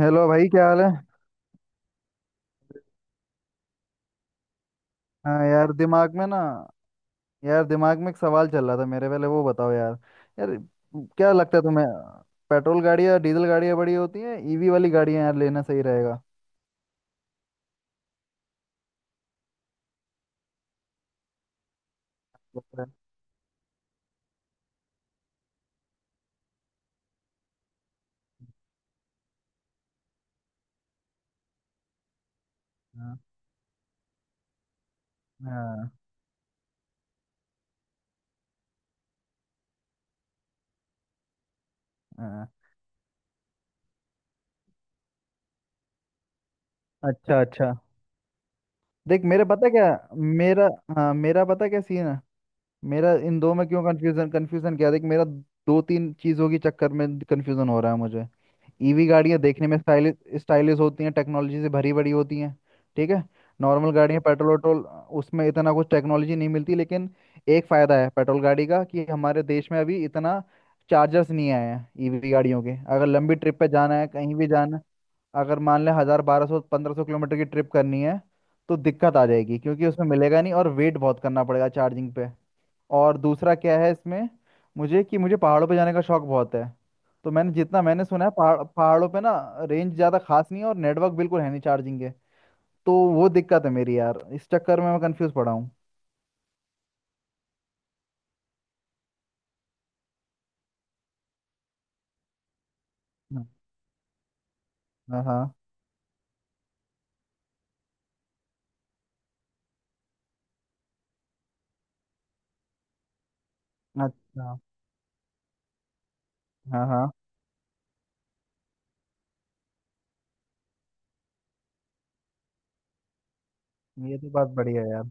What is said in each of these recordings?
Hello भाई, क्या हाल है? हाँ यार, दिमाग में ना, यार दिमाग में एक सवाल चल रहा था मेरे, पहले वो बताओ यार। यार, क्या लगता है तुम्हें, पेट्रोल गाड़ियाँ डीजल गाड़ियाँ बड़ी होती हैं, ईवी वाली गाड़ियाँ यार लेना सही रहेगा लगता है। हाँ, हाँ, हाँ। अच्छा, अच्छा। देख मेरे पता क्या, मेरा, हाँ मेरा पता क्या सीन है। मेरा इन दो में क्यों कंफ्यूजन, कंफ्यूजन क्या है देख, मेरा दो तीन चीज़ों के चक्कर में कंफ्यूजन हो रहा है मुझे। ईवी गाड़ियाँ देखने में स्टाइलिश, स्टाइलिश होती हैं, टेक्नोलॉजी से भरी भरी होती हैं, ठीक है। नॉर्मल गाड़ियाँ पेट्रोल वेट्रोल, उसमें इतना कुछ टेक्नोलॉजी नहीं मिलती, लेकिन एक फ़ायदा है पेट्रोल गाड़ी का कि हमारे देश में अभी इतना चार्जर्स नहीं आए हैं ईवी गाड़ियों के। अगर लंबी ट्रिप पे जाना है, कहीं भी जाना है, अगर मान लें 1000 1200 1500 किलोमीटर की ट्रिप करनी है तो दिक्कत आ जाएगी, क्योंकि उसमें मिलेगा नहीं और वेट बहुत करना पड़ेगा चार्जिंग पे। और दूसरा क्या है इसमें मुझे, कि मुझे पहाड़ों पे जाने का शौक बहुत है। तो मैंने जितना मैंने सुना है पहाड़ों पे ना, रेंज ज़्यादा खास नहीं है और नेटवर्क बिल्कुल है नहीं चार्जिंग के। तो वो दिक्कत है मेरी यार, इस चक्कर में मैं कंफ्यूज पड़ा हूँ। हाँ, हाँ, हाँ, अच्छा। हाँ, हाँ। ये तो बात बढ़िया है यार।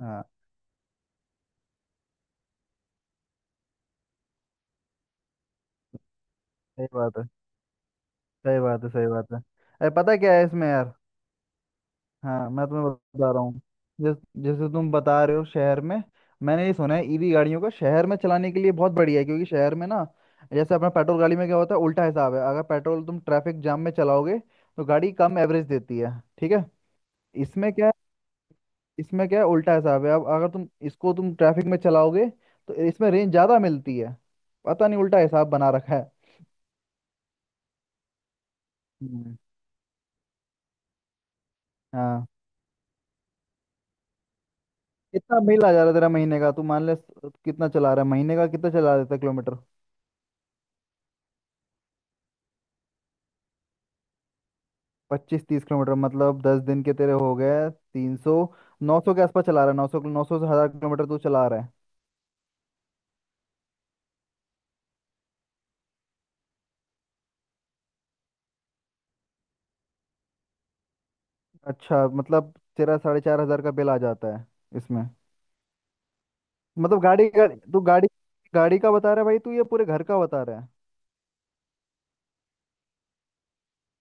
हाँ। सही बात है, सही बात है, सही बात है। अरे पता है क्या है इसमें यार। हाँ मैं तुम्हें बता रहा हूँ। जैस, जैसे तुम बता रहे हो शहर में, मैंने ये सुना है ईवी गाड़ियों का शहर में चलाने के लिए बहुत बढ़िया है, क्योंकि शहर में ना, जैसे अपना पेट्रोल गाड़ी में क्या होता है, उल्टा हिसाब है, अगर पेट्रोल तुम ट्रैफिक जाम में चलाओगे तो गाड़ी कम एवरेज देती है, ठीक है। इसमें क्या है इसमें क्या है, उल्टा हिसाब है। अब अगर तुम इसको तुम ट्रैफिक में चलाओगे तो इसमें रेंज ज़्यादा मिलती है, पता नहीं उल्टा हिसाब बना रखा है। हम्म, हाँ। कितना बिल आ जा रहा है तेरा महीने का? तू मान ले, कितना चला रहा है महीने का, कितना चला देता है किलोमीटर? 25 30 किलोमीटर, मतलब 10 दिन के तेरे हो गए 300, नौ सौ के आसपास चला रहा है। 900, 900 से 1000 किलोमीटर तू चला रहा है। अच्छा, मतलब तेरा 4500 का बिल आ जाता है इसमें? मतलब गाड़ी गाड़ी तू गाड़ी गाड़ी का बता रहा है भाई तू, ये पूरे घर का बता रहा है?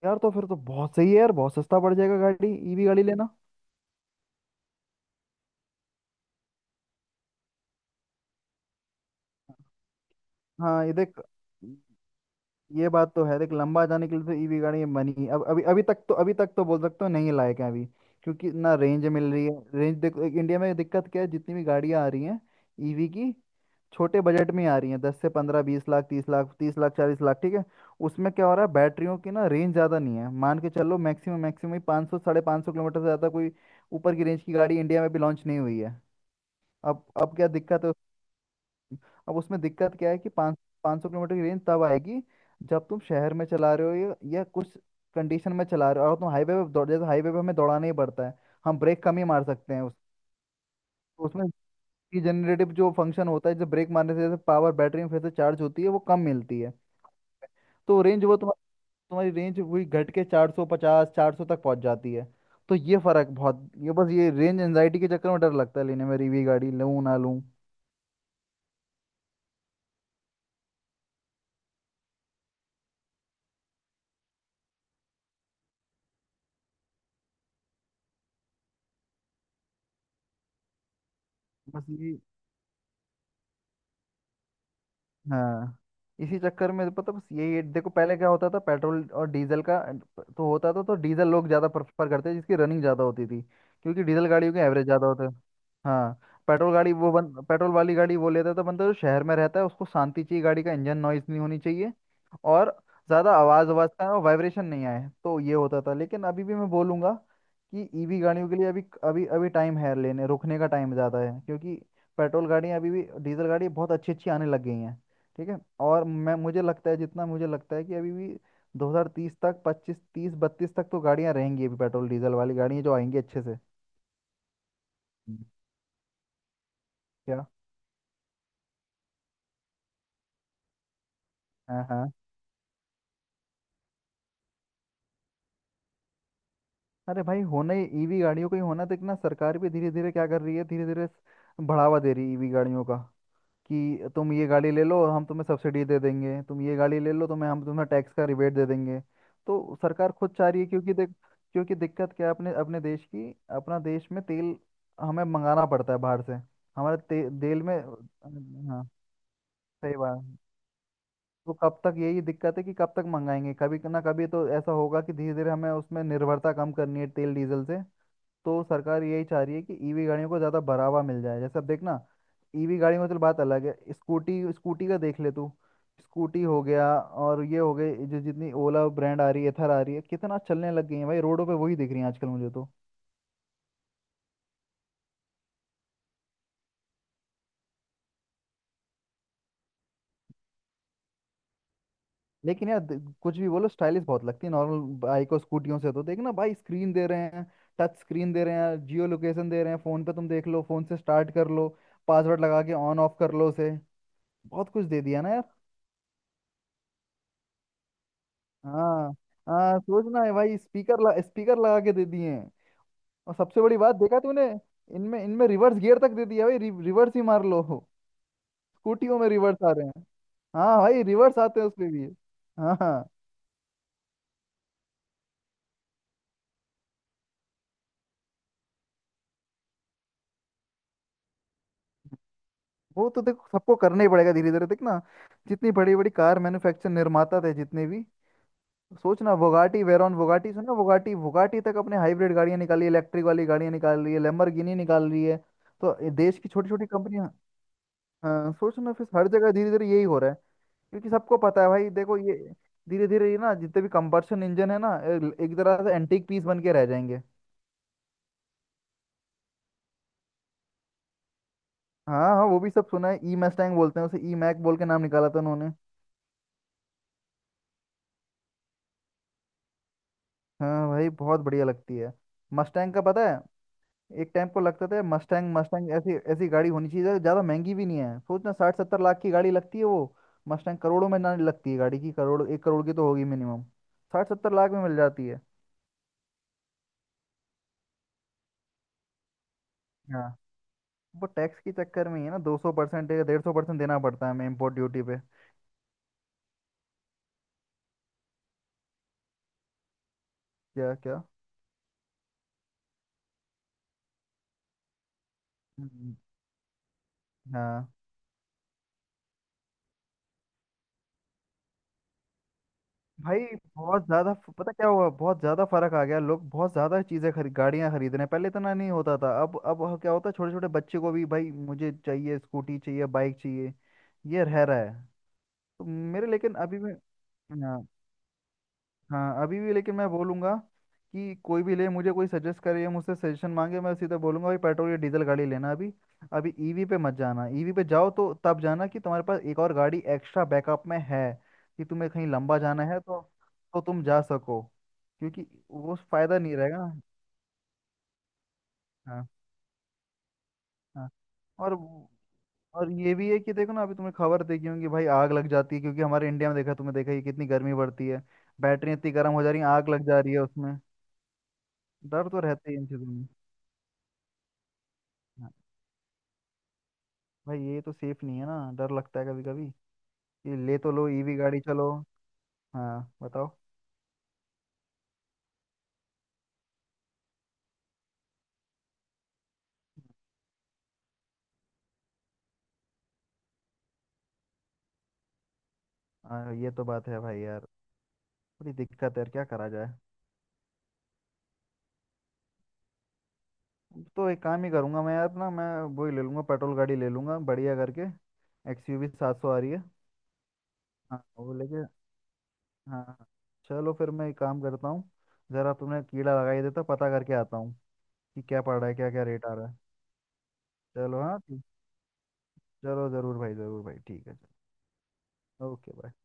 यार तो फिर तो बहुत सही है यार, बहुत सस्ता पड़ जाएगा गाड़ी ईवी गाड़ी लेना। हाँ ये देख, ये बात तो है, देख लंबा जाने के लिए तो ईवी गाड़ियाँ अब अभी अभी तक तो बोल सकते हो नहीं लायक है अभी, क्योंकि ना रेंज मिल रही है रेंज। देखो एक इंडिया में दिक्कत क्या है, जितनी भी गाड़ियाँ आ रही हैं ईवी की, छोटे बजट में ही आ रही हैं, 10 से 15, 20 लाख, 30 लाख, 30 लाख, 40 लाख ठीक है। उसमें क्या हो रहा है, बैटरियों की ना रेंज ज़्यादा नहीं है, मान के चलो मैक्सिमम, मैक्सिमम ही 500 550 किलोमीटर से ज़्यादा कोई ऊपर की रेंज की गाड़ी इंडिया में भी लॉन्च नहीं हुई है। अब क्या दिक्कत है, अब उसमें दिक्कत क्या है कि पाँच पाँच सौ किलोमीटर की रेंज तब आएगी जब तुम शहर में चला रहे हो या कुछ कंडीशन में चला रहे हो, और तुम हाईवे पे दौड़ जैसे हाईवे पे हमें दौड़ाना ही पड़ता है, हम ब्रेक कम ही मार सकते हैं उस तो उसमें जनरेटिव जो फंक्शन होता है, जैसे ब्रेक मारने से जैसे पावर बैटरी में फिर से चार्ज होती है वो कम मिलती है। तो रेंज वो तुम्हारी तुम्हारी रेंज वही घट के 450 400 तक पहुंच जाती है। तो ये फर्क बहुत, ये बस ये रेंज एंजाइटी के चक्कर में डर लगता है लेने में, रिवी गाड़ी लूं ना लूं। बस ये, हाँ इसी चक्कर में तो, पता बस यही देखो पहले क्या होता था पेट्रोल और डीजल का, तो होता था तो डीजल लोग ज़्यादा प्रेफर करते जिसकी रनिंग ज़्यादा होती थी क्योंकि डीजल गाड़ियों के एवरेज ज़्यादा होते हैं। हाँ। पेट्रोल वाली गाड़ी वो लेता था बंदा जो शहर में रहता है, उसको शांति चाहिए, गाड़ी का इंजन नॉइज नहीं होनी चाहिए और ज़्यादा आवाज़, आवाज़ का और वाइब्रेशन नहीं आए, तो ये होता था। लेकिन अभी भी मैं बोलूँगा कि ईवी गाड़ियों के लिए अभी अभी अभी टाइम है, लेने रुकने का टाइम ज़्यादा है, क्योंकि पेट्रोल गाड़ियाँ अभी भी, डीजल गाड़ी बहुत अच्छी अच्छी आने लग गई हैं, ठीक है। और मैं मुझे लगता है, जितना मुझे लगता है कि अभी भी 2030 तक 25 30 बत्तीस तक तो गाड़ियां रहेंगी अभी पेट्रोल डीजल वाली, गाड़ियां जो आएंगी अच्छे से। हम्म। क्या? हाँ, हाँ। अरे भाई होना ही ईवी गाड़ियों का ही होना, तो इतना सरकार भी धीरे धीरे क्या कर रही है, धीरे धीरे बढ़ावा दे रही है ईवी गाड़ियों का, कि तुम ये गाड़ी ले लो हम तुम्हें सब्सिडी दे देंगे, तुम ये गाड़ी ले लो तो मैं हम तुम्हें टैक्स का रिबेट दे देंगे। तो सरकार खुद चाह रही है, क्योंकि देख, क्योंकि दिक्कत क्या है अपने, अपने देश की, अपना देश में तेल हमें मंगाना पड़ता है बाहर से, तेल में। हाँ सही बात है। तो कब तक, यही दिक्कत है कि कब तक मंगाएंगे, कभी ना कभी तो ऐसा होगा कि धीरे धीरे हमें उसमें निर्भरता कम करनी है तेल डीजल से। तो सरकार यही चाह रही है कि ईवी गाड़ियों को ज़्यादा बढ़ावा मिल जाए। जैसे अब देखना, ईवी गाड़ी में तो बात अलग है, स्कूटी, स्कूटी का देख ले तू, स्कूटी हो गया और ये हो गए, जो जितनी ओला ब्रांड आ रही है, एथर आ रही है, कितना चलने लग गई है भाई, रोडों पे वही दिख रही है आजकल मुझे तो। लेकिन यार कुछ भी बोलो स्टाइलिश बहुत लगती है नॉर्मल बाइक और स्कूटियों से, तो देखना भाई, स्क्रीन दे रहे हैं, टच स्क्रीन दे रहे हैं, जियो लोकेशन दे रहे हैं, फ़ोन पे तुम देख लो, फ़ोन से स्टार्ट कर लो, पासवर्ड लगा के ऑन ऑफ कर लो उसे, बहुत कुछ दे दिया ना। हाँ, हाँ सोचना है भाई, स्पीकर लगा के दे दिए हैं। और सबसे बड़ी बात, देखा तूने, इनमें इनमें रिवर्स गियर तक दे दिया भाई, रिवर्स ही मार लो। स्कूटियों में रिवर्स आ रहे हैं। हाँ भाई, रिवर्स आते हैं उसमें भी। हाँ, हाँ। वो तो देखो सबको करना ही पड़ेगा धीरे धीरे, देख ना जितनी बड़ी बड़ी कार मैन्युफैक्चर, निर्माता थे जितने भी, सोचना वोगाटी वेरॉन, वोगाटी सुना, वोगाटी, वोगाटी तक अपने हाइब्रिड गाड़ियां निकाली, इलेक्ट्रिक वाली गाड़ियां निकाल रही है, लैम्बोर्गिनी निकाल रही है, तो ये देश की छोटी छोटी कंपनियां, हाँ सोचना फिर हर जगह धीरे धीरे यही हो रहा है, क्योंकि सबको पता है भाई। देखो ये धीरे धीरे, ये ना जितने भी कंबर्शन इंजन है ना एक तरह से एंटीक पीस बन के रह जाएंगे। हाँ हाँ वो भी सब सुना है, ई मस्टैंग बोलते हैं उसे, ई मैक बोल के नाम निकाला था उन्होंने। हाँ भाई बहुत बढ़िया लगती है मस्टैंग का, पता है एक टाइम को लगता था मस्टैंग, मस्टैंग ऐसी ऐसी गाड़ी होनी चाहिए जो ज़्यादा महंगी भी नहीं है, सोचना 60 70 लाख की गाड़ी लगती है वो। मस्टैंग करोड़ों में ना लगती है, गाड़ी की करोड़, 1 करोड़ की तो होगी मिनिमम, 60 70 लाख में मिल जाती है। हाँ वो टैक्स के चक्कर में ही है ना, 200% या 150% देना पड़ता है हमें इम्पोर्ट ड्यूटी पे। क्या, क्या? हम्म, हाँ भाई बहुत ज्यादा पता क्या हुआ, बहुत ज्यादा फर्क आ गया, लोग बहुत ज्यादा चीजें खरीद गाड़ियां खरीद रहे हैं, पहले इतना नहीं होता था। क्या होता है, छोटे छोटे बच्चे को भी भाई, मुझे चाहिए स्कूटी चाहिए बाइक चाहिए, ये रह रहा है। तो मेरे लेकिन अभी भी, हाँ अभी भी, लेकिन मैं बोलूंगा कि कोई भी ले, मुझे कोई सजेस्ट करे या मुझसे सजेशन मांगे, मैं सीधा बोलूंगा भाई पेट्रोल या डीजल गाड़ी लेना अभी, अभी ईवी पे मत जाना, ईवी पे जाओ तो तब जाना कि तुम्हारे पास एक और गाड़ी एक्स्ट्रा बैकअप में है, कि तुम्हें कहीं लंबा जाना है, तो तुम जा सको, क्योंकि वो फायदा नहीं रहेगा ना। हाँ, हाँ। और वो- और ये भी है कि देखो ना, अभी तुम्हें खबर देखी होगी भाई, आग लग जाती है, क्योंकि हमारे इंडिया में देखा, तुमने देखा ही है, कितनी गर्मी बढ़ती है, बैटरी इतनी गर्म हो जा रही है, आग लग जा रही है उसमें। डर तो रहता ही है इन चीज़ों में, भाई ये तो सेफ नहीं है ना, डर लगता है कभी कभी, कि ले तो लो ईवी गाड़ी चलो। हाँ बताओ। हाँ ये तो बात है भाई यार, बड़ी दिक्कत है यार, क्या करा जाए। तो एक काम ही करूंगा मैं यार, ना मैं वो ही ले लूंगा, पेट्रोल गाड़ी ले लूंगा बढ़िया करके, एक्सयूवी 700 आ रही है। हाँ वो लेके, हाँ, हाँ। चलो फिर मैं एक काम करता हूँ, जरा तुमने कीड़ा लगा ही देता, पता करके आता हूँ कि क्या पड़ रहा है, क्या क्या रेट आ रहा है। चलो हाँ ठीक, चलो जरूर भाई, जरूर भाई, ठीक है। ओके।